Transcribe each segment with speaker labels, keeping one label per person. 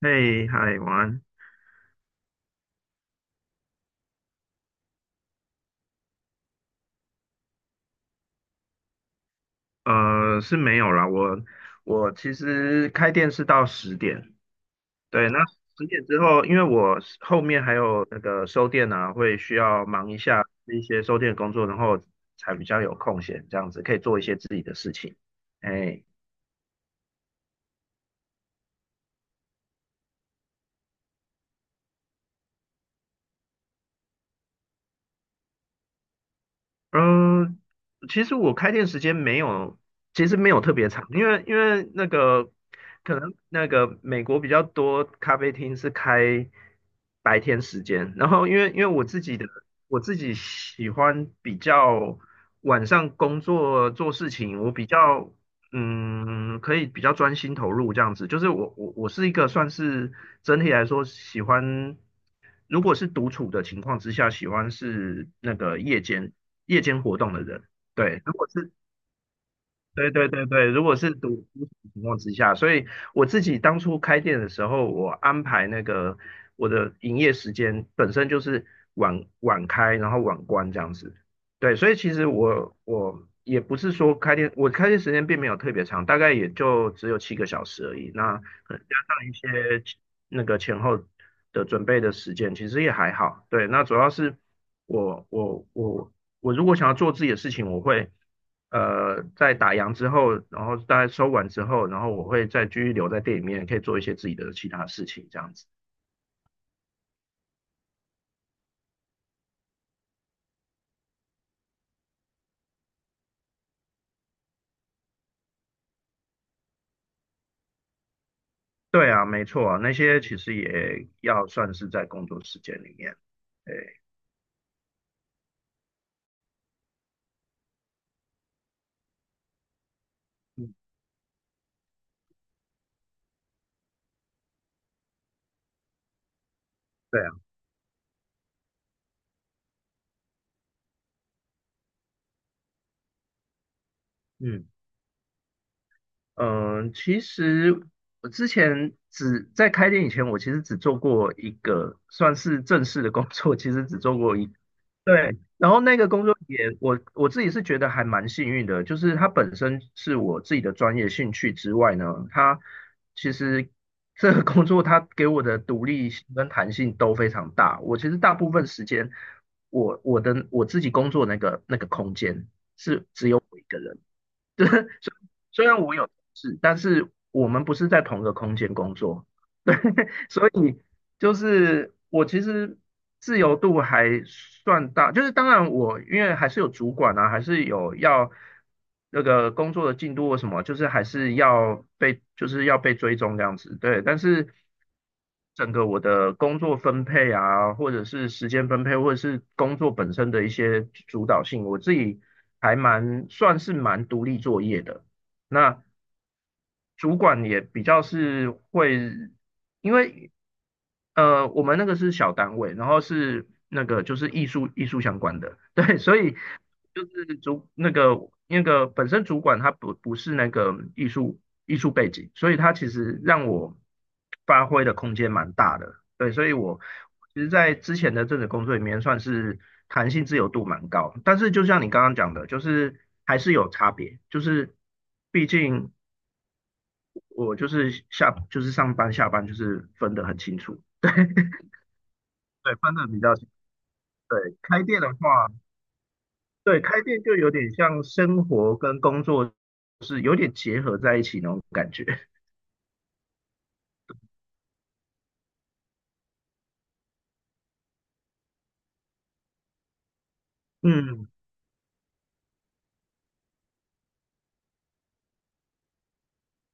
Speaker 1: 嘿，嗨，晚安。是没有啦，我其实开店是到十点，对，那十点之后，因为我是后面还有那个收店啊，会需要忙一下一些收店工作，然后才比较有空闲，这样子可以做一些自己的事情。哎。嗯，其实我开店时间没有，其实没有特别长，因为那个可能那个美国比较多咖啡厅是开白天时间，然后因为我自己喜欢比较晚上工作做事情，我比较可以比较专心投入这样子。就是我是一个算是整体来说喜欢，如果是独处的情况之下，喜欢是那个夜间活动的人。对，如果是对对对对，如果是独处的情况之下，所以我自己当初开店的时候，我安排那个我的营业时间本身就是晚开，然后晚关这样子。对，所以其实我也不是说开店，我开店时间并没有特别长，大概也就只有7个小时而已。那可能加上一些那个前后的准备的时间，其实也还好。对，那主要是我我我我如果想要做自己的事情，我会。在打烊之后，然后大概收完之后，然后我会再继续留在店里面，可以做一些自己的其他事情，这样子。对啊，没错啊，那些其实也要算是在工作时间里面。对，嗯对啊，嗯嗯、其实我之前只在开店以前，我其实只做过一个算是正式的工作，其实只做过一。对，然后那个工作也，我自己是觉得还蛮幸运的，就是它本身是我自己的专业兴趣之外呢，它其实这个工作它给我的独立性跟弹性都非常大。我其实大部分时间，我自己工作那个空间是只有我一个人，就是虽虽然我有同事，但是我们不是在同一个空间工作，对，所以。就是我其实自由度还算大，就是当然我因为还是有主管啊，还是有要那个工作的进度或什么，就是还是要被就是要被追踪这样子，对。但是整个我的工作分配啊，或者是时间分配，或者是工作本身的一些主导性，我自己还蛮算是蛮独立作业的。那主管也比较是会，因为我们那个是小单位，然后是那个就是艺术相关的，对，所以就是主那个那个本身主管他不是那个艺术背景，所以他其实让我发挥的空间蛮大的，对，所以我其实，在之前的这个工作里面算是弹性自由度蛮高，但是就像你刚刚讲的，就是还是有差别，就是毕竟。我就是上班下班就是分得很清楚，对对，分得比较清楚。对，开店的话，对开店就有点像生活跟工作是有点结合在一起那种感觉。嗯，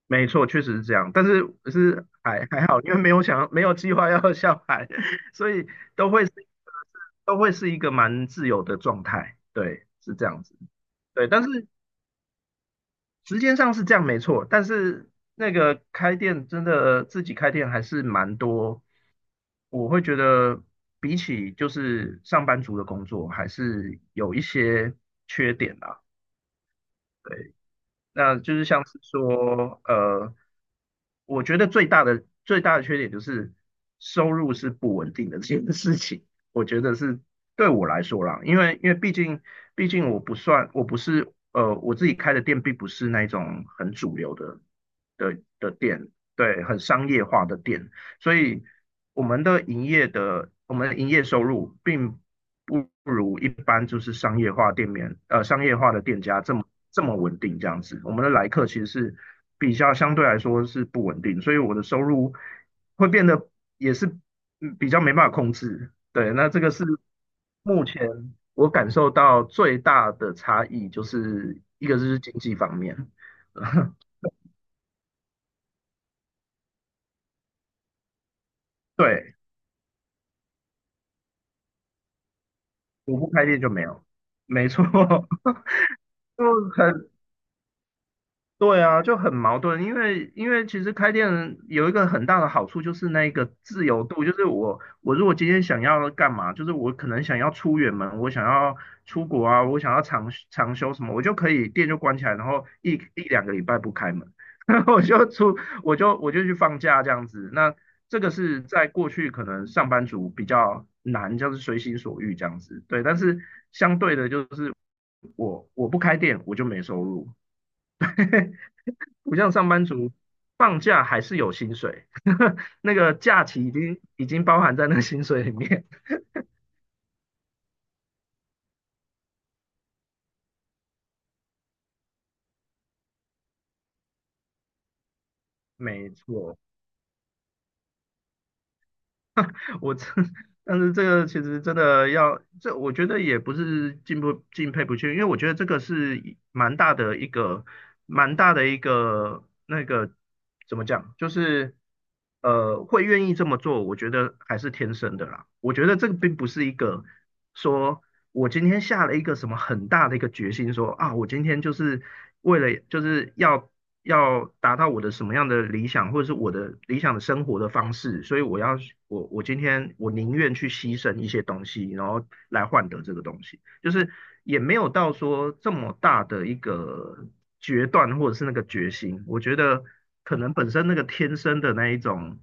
Speaker 1: 没错，确实是这样。但是还好，因为没有计划要下海，所以都会是都会是一个蛮自由的状态。对，是这样子。对，但是时间上是这样没错，但是那个开店真的自己开店还是蛮多，我会觉得比起就是上班族的工作，还是有一些缺点啦。对。那就是像是说，我觉得最大的缺点就是收入是不稳定的这件事情，我觉得是对我来说啦，因为毕竟我不是我自己开的店并不是那种很主流的店，对，很商业化的店，所以我们的营业收入并不如一般就是商业化的店家这么稳定这样子。我们的来客其实是相对来说是不稳定，所以我的收入会变得也是比较没办法控制。对，那这个是目前我感受到最大的差异，就是一个就是经济方面，对，我不开店就没有，没错。就很对啊，就很矛盾，因为其实开店有一个很大的好处就是那个自由度，就是我如果今天想要干嘛，就是我可能想要出远门，我想要出国啊，我想要长休什么，我就可以店就关起来，然后一两个礼拜不开门，然后我就去放假这样子。那这个是在过去可能上班族比较难，就是随心所欲这样子，对。但是相对的，就是我不开店，我就没收入。不像上班族，放假还是有薪水，那个假期已经包含在那个薪水里面。没错，我这，但是这个其实真的要，这我觉得也不是进不敬佩不去，因为我觉得这个是一蛮大的一个，蛮大的一个那个怎么讲，就是会愿意这么做，我觉得还是天生的啦。我觉得这个并不是一个说我今天下了一个什么很大的一个决心说，啊我今天就是为了就是要达到我的什么样的理想，或者是我的理想的生活的方式，所以今天我宁愿去牺牲一些东西，然后来换得这个东西，就是也没有到说这么大的一个决断或者是那个决心，我觉得可能本身那个天生的那一种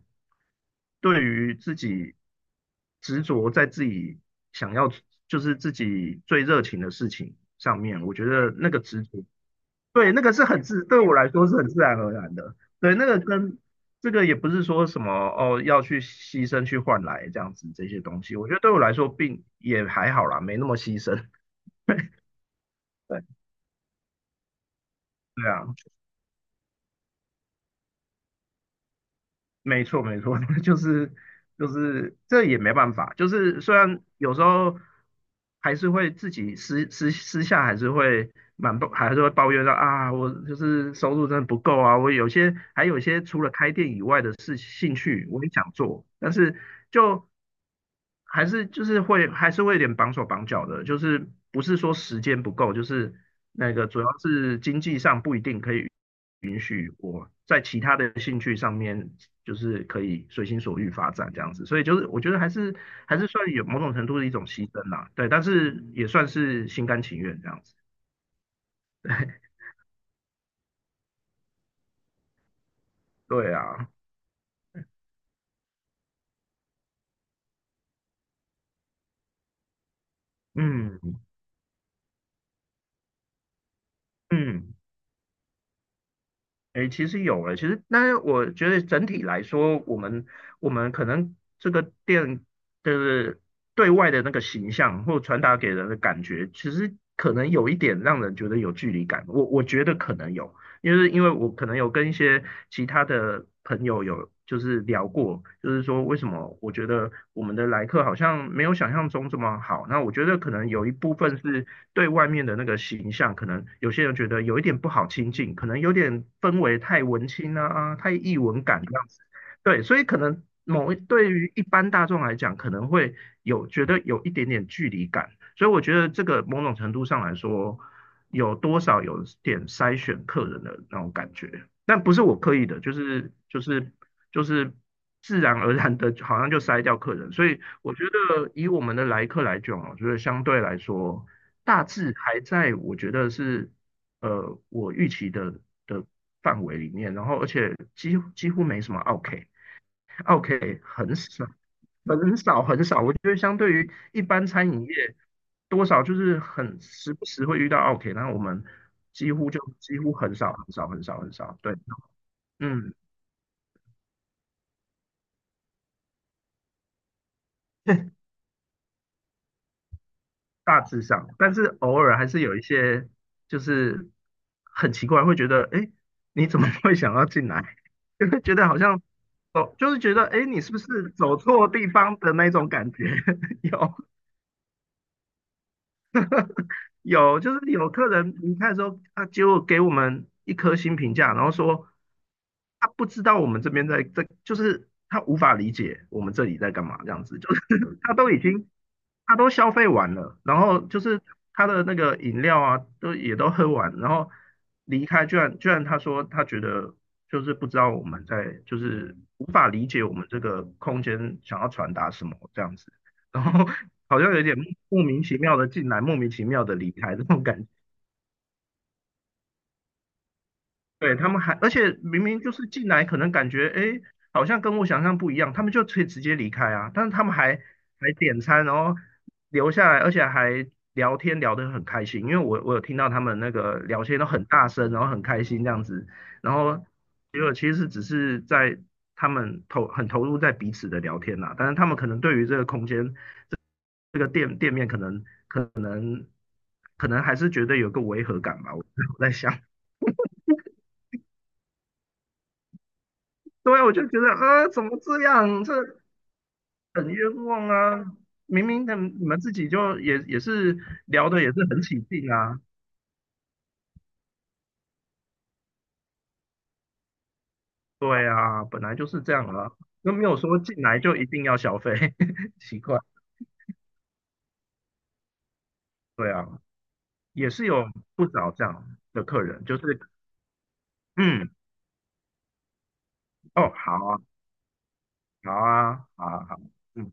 Speaker 1: 对于自己执着在自己想要就是自己最热情的事情上面，我觉得那个执着对，那个是很自，对我来说是很自然而然的。对，那个跟这个也不是说什么哦，要去牺牲去换来这样子这些东西，我觉得对我来说并也还好啦，没那么牺牲。对，对啊，没错，没错，就是这也没办法，就是虽然有时候还是会自己私下还是会还是会抱怨到啊，我就是收入真的不够啊，我有些还有一些除了开店以外的事兴趣我也想做，但是就还是就是会还是会有点绑手绑脚的，就是不是说时间不够，就是那个主要是经济上不一定可以允许我在其他的兴趣上面，就是可以随心所欲发展这样子，所以就是我觉得还是算有某种程度的一种牺牲啦，对，但是也算是心甘情愿这样子，对啊，嗯嗯。哎，其实有了，其实，但是我觉得整体来说，我们可能这个店的对外的那个形象或传达给人的感觉，其实可能有一点让人觉得有距离感。我觉得可能有，因为我可能有跟一些其他的朋友有就是聊过，就是说为什么我觉得我们的来客好像没有想象中这么好。那我觉得可能有一部分是对外面的那个形象，可能有些人觉得有一点不好亲近，可能有点氛围太文青啊，啊太异文感这样子。对，所以可能某一对于一般大众来讲，可能会有觉得有一点点距离感。所以我觉得这个某种程度上来说，有多少有点筛选客人的那种感觉，但不是我刻意的，就是自然而然的，好像就筛掉客人。所以我觉得以我们的来客来讲啊，我觉得相对来说，大致还在我觉得是我预期的的范围里面，然后而且几乎没什么 OK。OK，很少，很少，很少。我觉得相对于一般餐饮业，多少就是很时不时会遇到 OK，那我们几乎很少，很少，很少，很少。对，嗯，大致上，但是偶尔还是有一些，就是很奇怪，会觉得，哎，你怎么会想要进来？就会觉得好像哦，就是觉得，哎，你是不是走错地方的那种感觉？有，有，就是有客人离开的时候，他结果给我们一颗星评价，然后说他不知道我们这边在，就是他无法理解我们这里在干嘛，这样子，就是 他都已经他都消费完了，然后就是他的那个饮料啊，都也都喝完，然后离开，居然他说他觉得就是不知道我们在，就是无法理解我们这个空间想要传达什么这样子，然后好像有点莫名其妙的进来，莫名其妙的离开这种感觉。对，他们还，而且明明就是进来，可能感觉哎，好像跟我想象不一样，他们就可以直接离开啊。但是他们还还点餐，然后留下来，而且还聊天聊得很开心。因为我有听到他们那个聊天都很大声，然后很开心这样子。然后结果其实只是在他们很投入在彼此的聊天啦，但是他们可能对于这个空间这这个店面可能可能还是觉得有个违和感吧。我 我在想。对啊，我就觉得，怎么这样？这很冤枉啊！明明他们你们自己就也是聊的也是很起劲啊，对啊，本来就是这样啊，又没有说进来就一定要消费，奇怪，对啊，也是有不少这样的客人，就是嗯，哦，好啊，好啊，好啊，好啊嗯。